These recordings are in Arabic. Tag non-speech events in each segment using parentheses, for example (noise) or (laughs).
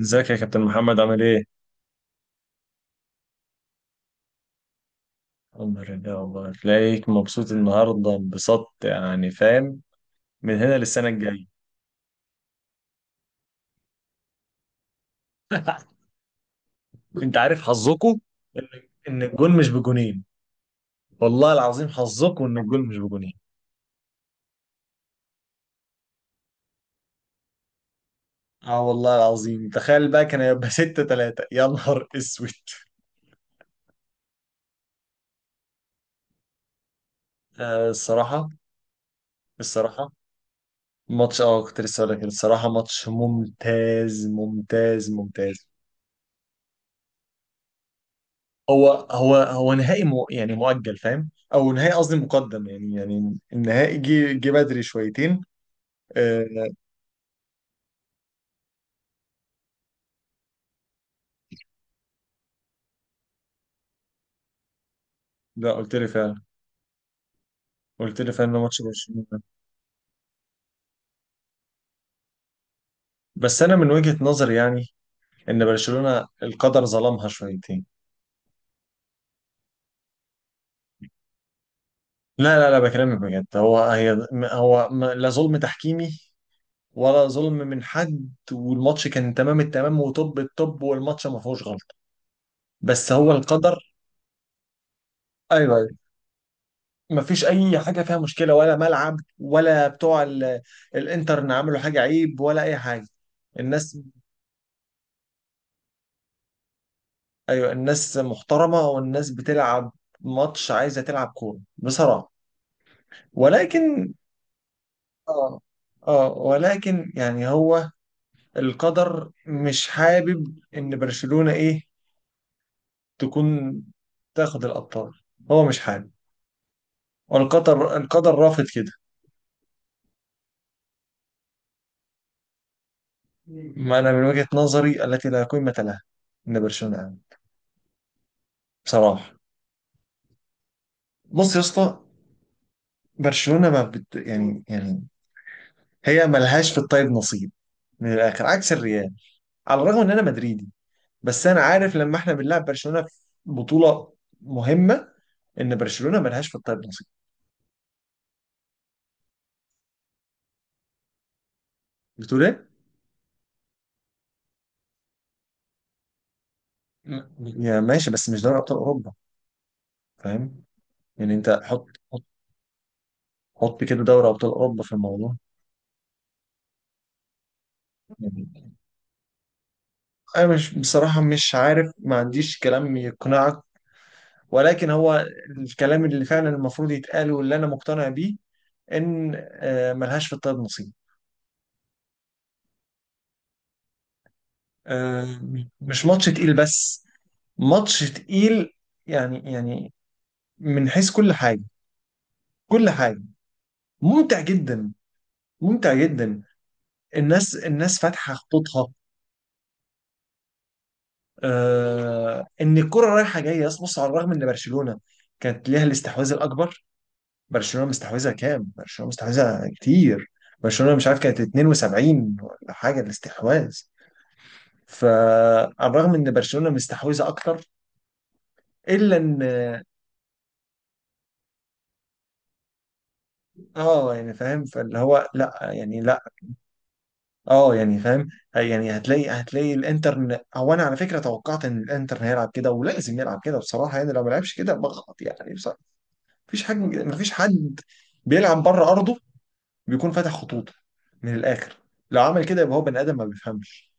ازيك يا كابتن محمد؟ عامل ايه؟ الحمد لله، والله تلاقيك مبسوط النهارده انبساط، يعني فاهم، من هنا للسنه الجايه. (laughs) انت عارف حظكم ان الجون مش بجونين. والله العظيم حظكم ان الجون مش بجونين. اه والله العظيم، تخيل بقى كان هيبقى (laughs) 6 3، يا نهار اسود. آه الصراحه. الصراحه ماتش، كنت لسه هقول لك كده. الصراحه ماتش ممتاز ممتاز ممتاز. هو نهائي مو يعني مؤجل، فاهم، او نهائي، قصدي مقدم، يعني النهائي جه بدري شويتين. آه. لا قلت لي فعلا. قلت لي فعلا إن ماتش برشلونة. بس انا من وجهة نظري يعني ان برشلونة القدر ظلمها شويتين. لا بكلمك بجد. هو هي هو م- لا ظلم تحكيمي ولا ظلم من حد، والماتش كان تمام التمام وطب الطب، والماتش ما فيهوش غلطة. بس هو القدر. ايوه. مفيش اي حاجه فيها مشكله، ولا ملعب ولا بتوع الانترن عملوا حاجه عيب ولا اي حاجه. الناس، ايوه الناس محترمه، والناس بتلعب ماتش، عايزه تلعب كوره بصراحه. ولكن اه. اه ولكن يعني هو القدر مش حابب ان برشلونه ايه، تكون، تاخد الابطال. هو مش حابب. والقدر رافض كده. ما انا من وجهه نظري التي لا قيمه لها، ان برشلونه عامل. بصراحه، بص يا اسطى، برشلونه ما بت... يعني يعني هي ملهاش في الطيب نصيب، من الاخر، عكس الريال. على الرغم ان انا مدريدي، بس انا عارف لما احنا بنلعب برشلونه في بطوله مهمه ان برشلونه ملهاش في الطيب نصيب. بتقول ايه؟ يا ماشي، بس مش دوري ابطال اوروبا، فاهم؟ يعني انت حط، حط حط كده دوري ابطال اوروبا في الموضوع. يعني انا مش بصراحه مش عارف، ما عنديش كلام يقنعك، ولكن هو الكلام اللي فعلا المفروض يتقال واللي انا مقتنع بيه ان ملهاش في الطب نصيب. آه، مش ماتش تقيل بس، ماتش تقيل يعني من حيث كل حاجة، كل حاجة. ممتع جدا، ممتع جدا. الناس، الناس فاتحة خطوطها. آه، ان الكرة رايحة جاية. أصل بص، على الرغم ان برشلونة كانت ليها الاستحواذ الأكبر. برشلونة مستحوذة كام؟ برشلونة مستحوذة كتير. برشلونة مش عارف كانت 72 ولا حاجة الاستحواذ. فعلى الرغم ان برشلونة مستحوذة أكتر، إلا ان، اه يعني فاهم، فاللي هو لا يعني لا. اه يعني فاهم. يعني هتلاقي الانتر، هو انا على فكره توقعت ان الانتر هيلعب كده، ولازم يلعب كده بصراحه يعني. لو ما لعبش كده بغلط يعني بصراحه. مفيش حد بيلعب بره ارضه بيكون فاتح خطوطه، من الاخر. لو عمل كده يبقى هو بني ادم ما بيفهمش،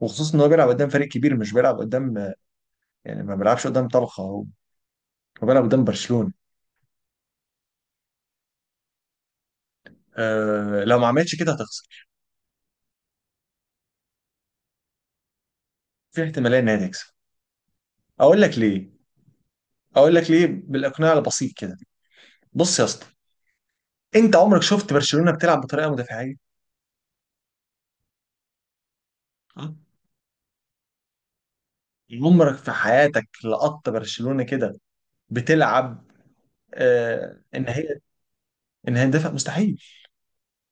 وخصوصا ان هو بيلعب قدام فريق كبير، مش بيلعب قدام، يعني ما بيلعبش قدام طلخه. هو بيلعب قدام برشلونه. آه لو ما عملتش كده هتخسر. في احتماليه ان هي تكسب. اقول لك ليه. اقول لك ليه بالاقناع البسيط كده. بص يا اسطى، انت عمرك شفت برشلونة بتلعب بطريقة مدافعية؟ آه. عمرك في حياتك لقطت برشلونة كده بتلعب آه ان هي، ان هي تدافع؟ مستحيل.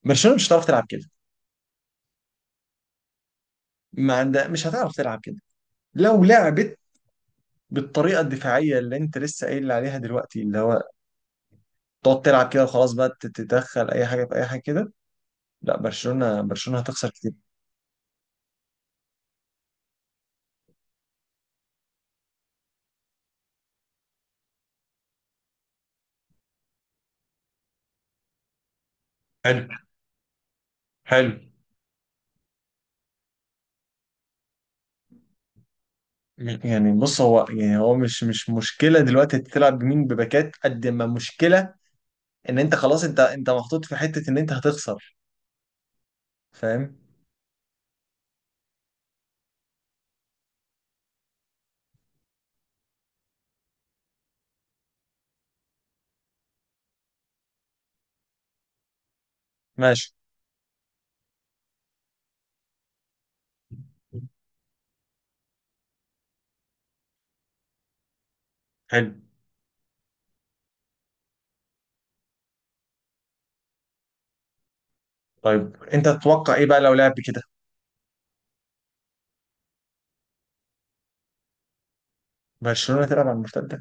برشلونة مش هتعرف تلعب كده، ما عندها، مش هتعرف تلعب كده. لو لعبت بالطريقة الدفاعية اللي انت لسه قايل لي عليها دلوقتي، اللي هو تقعد تلعب كده وخلاص بقى تتدخل اي حاجة في اي حاجة كده، لا، برشلونة هتخسر كتير. حلو، حلو. يعني بص، هو يعني هو مش مشكلة دلوقتي تلعب بمين بباكات، قد ما مشكلة ان انت خلاص، انت محطوط في حتة ان انت هتخسر، فاهم؟ ماشي. حلو. طيب انت تتوقع ايه بقى لو لعب كده؟ برشلونة تلعب على المرتدة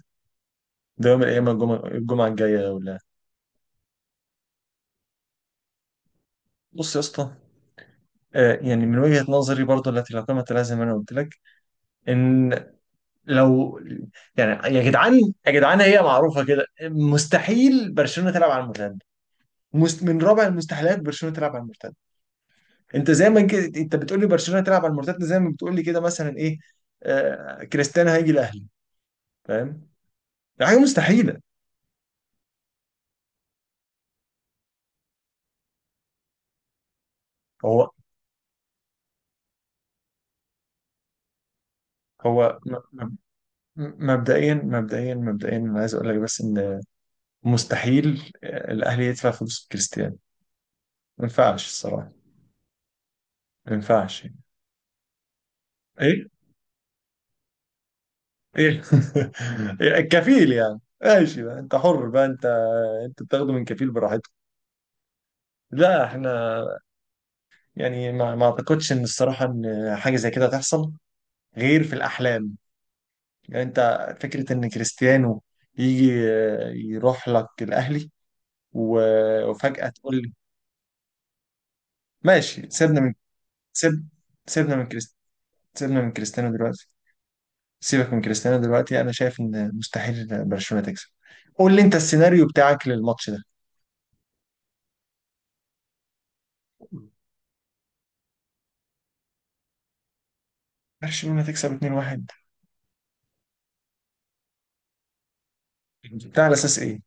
ده يوم الايام الجمعة، الجاية ولا؟ بص يا اسطى، آه، يعني من وجهة نظري برضو التي لا قيمة لها، زي ما انا قلت لك، ان لو يعني يا جدعان هي معروفة كده، مستحيل برشلونة تلعب على المرتدة. من رابع المستحيلات برشلونة تلعب على المرتدة. انت زي ما كده انت بتقول لي برشلونة تلعب على المرتدة، زي ما بتقول لي كده مثلا ايه، آه كريستيانو هيجي الاهلي. فاهم؟ دي حاجه مستحيله. هو هو م- م- مبدئيا مبدئيا انا عايز اقول لك بس ان مستحيل الاهلي يدفع فلوس كريستيانو. ما ينفعش الصراحه. ما ينفعش يعني. ايه؟ ايه؟ (laughs) إيه؟ الكفيل يعني؟ ماشي بقى، انت حر بقى. انت انت بتاخده من كفيل براحتك. لا احنا يعني ما اعتقدش ان الصراحه ان حاجه زي كده تحصل غير في الاحلام. يعني انت فكره ان كريستيانو يجي يروح لك الاهلي وفجأة تقول لي. ماشي، سيبنا من، سيب، سيبنا من سيبنا من كريستيانو دلوقتي. سيبك من كريستيانو دلوقتي. انا شايف ان مستحيل برشلونة تكسب. قول لي انت السيناريو بتاعك للماتش ده. برشلونة تكسب 2-1؟ بتاع على اساس ايه؟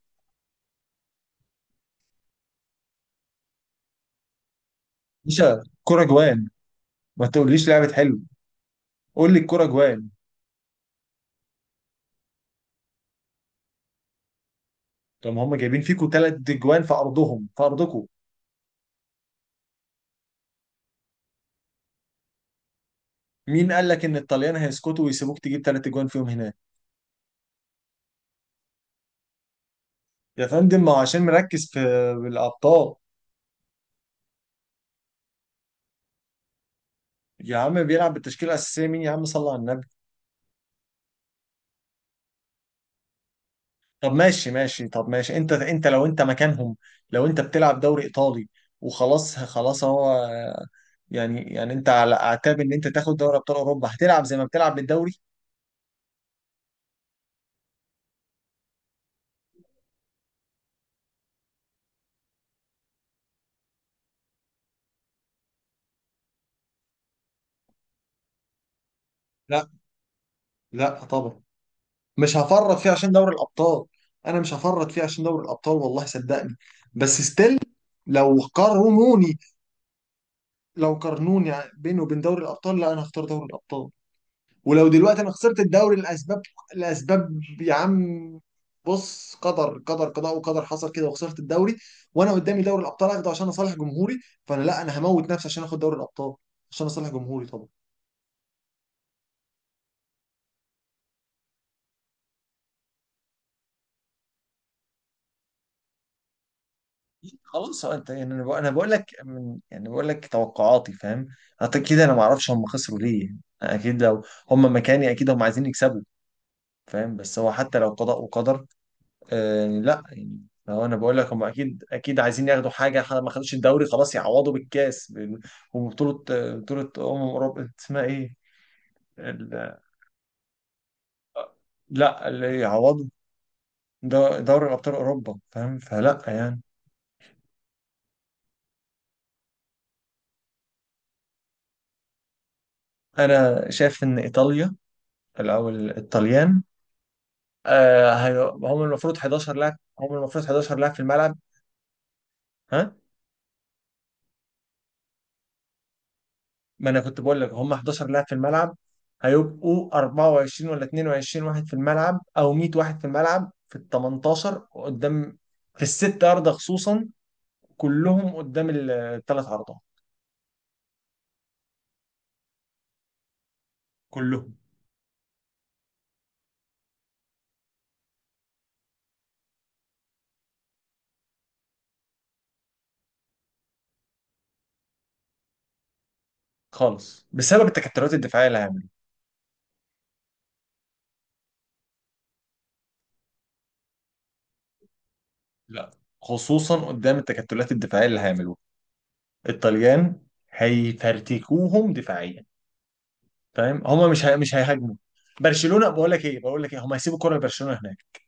باشا كرة جوان! ما تقوليش لعبة حلو، قول لي الكرة جوان. طب ما هم جايبين فيكوا ثلاث جوان في ارضهم، في ارضكوا. مين قال لك ان الطليان هيسكتوا ويسيبوك تجيب ثلاث جوان فيهم هناك؟ يا فندم ما هو عشان مركز في الابطال. يا عم بيلعب بالتشكيله الاساسيه مين، يا عم صلى على النبي. طب ماشي ماشي، طب ماشي، انت، انت لو انت مكانهم، لو انت بتلعب دوري ايطالي وخلاص، خلاص هو يعني انت على اعتاب ان انت تاخد دوري ابطال اوروبا، هتلعب زي ما بتلعب بالدوري؟ لا، لا طبعا. مش هفرط فيه عشان دوري الابطال. انا مش هفرط فيه عشان دوري الابطال والله صدقني. بس ستيل لو قارنوني، لو قارنوني بينه وبين دوري الابطال، لا انا هختار دوري الابطال. ولو دلوقتي انا خسرت الدوري لاسباب، لاسباب يا عم، بص، قدر قدر، قضاء وقدر حصل كده وخسرت الدوري، وانا قدامي دوري الابطال اخده عشان اصالح جمهوري، فانا لا، انا هموت نفسي عشان اخد دوري الابطال عشان اصالح جمهوري طبعا. خلاص. هو انت يعني، انا بقول، أنا بقول لك من، يعني بقول لك توقعاتي، فاهم؟ حتى كده انا ما اعرفش هم خسروا ليه. يعني اكيد لو هم مكاني اكيد هم عايزين يكسبوا، فاهم؟ بس هو حتى لو قضاء وقدر، آه لا يعني هو انا بقول لك هم اكيد اكيد عايزين ياخدوا حاجه. ما خدوش الدوري خلاص، يعوضوا بالكاس، وبطوله، آه، بطوله اوروبا اسمها ايه؟ ال- لا اللي يعوضوا دوري ابطال اوروبا، فاهم؟ فلا يعني. انا شايف ان ايطاليا او الطليان، آه هم المفروض 11 لاعب، هم المفروض 11 لاعب في الملعب. ها. ما انا كنت بقول لك هم 11 لاعب في الملعب، هيبقوا 24 ولا 22 واحد في الملعب، او 100 واحد في الملعب في ال 18 قدام، في الست عرضة خصوصا، كلهم قدام الثلاث عرضات، كلهم. خالص، بسبب التكتلات الدفاعية اللي هيعملوها. لا، خصوصا قدام التكتلات الدفاعية اللي هيعملوها الطليان، هيفرتكوهم دفاعيا، فاهم؟ هم مش هيهاجموا برشلونة. بقول لك ايه، بقول لك ايه، هم هيسيبوا الكرة لبرشلونة هناك،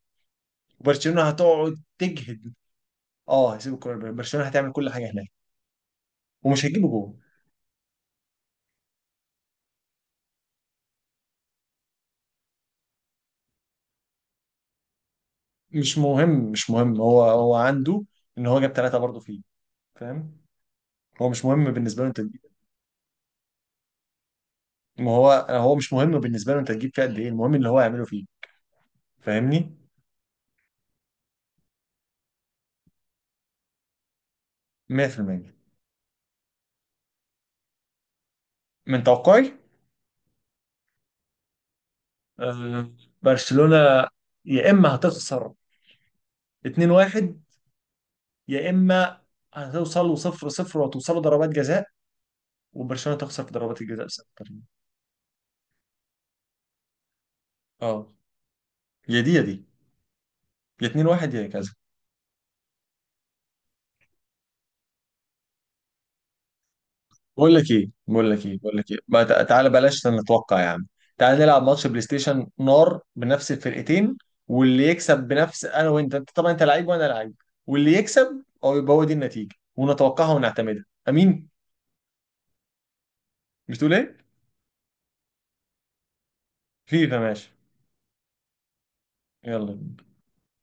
وبرشلونة هتقعد تجهد. اه هيسيب الكوره لبرشلونه. برشلونة هتعمل كل حاجه هناك ومش هيجيبه جول. مش مهم، مش مهم. هو عنده ان هو جاب ثلاثه برضه فيه، فاهم؟ هو مش مهم بالنسبه له انت تجيب. ما هو هو مش مهم بالنسبه له انت تجيب فيه قد ايه، المهم اللي هو هيعمله فيه، فاهمني؟ 100%، من توقعي. آه، برشلونه يا اما هتخسر 2-1، يا اما هتوصلوا 0-0 وتوصلوا ضربات جزاء، وبرشلونه تخسر في ضربات الجزاء بسبب التمرير. اه، يا دي يا دي، يا 2-1 يا كذا. بقول لك ايه بقول لك ايه بقول لك ايه ما تع- تعالى بلاش نتوقع يا عم. تعالى نلعب ماتش بلاي ستيشن نار بنفس الفرقتين، واللي يكسب بنفس، انا وانت، انت طبعا انت لعيب وانا لعيب، واللي يكسب او يبقى هو دي النتيجه ونتوقعها ونعتمدها، امين. بتقول ايه؟ فيفا، ماشي، يلا.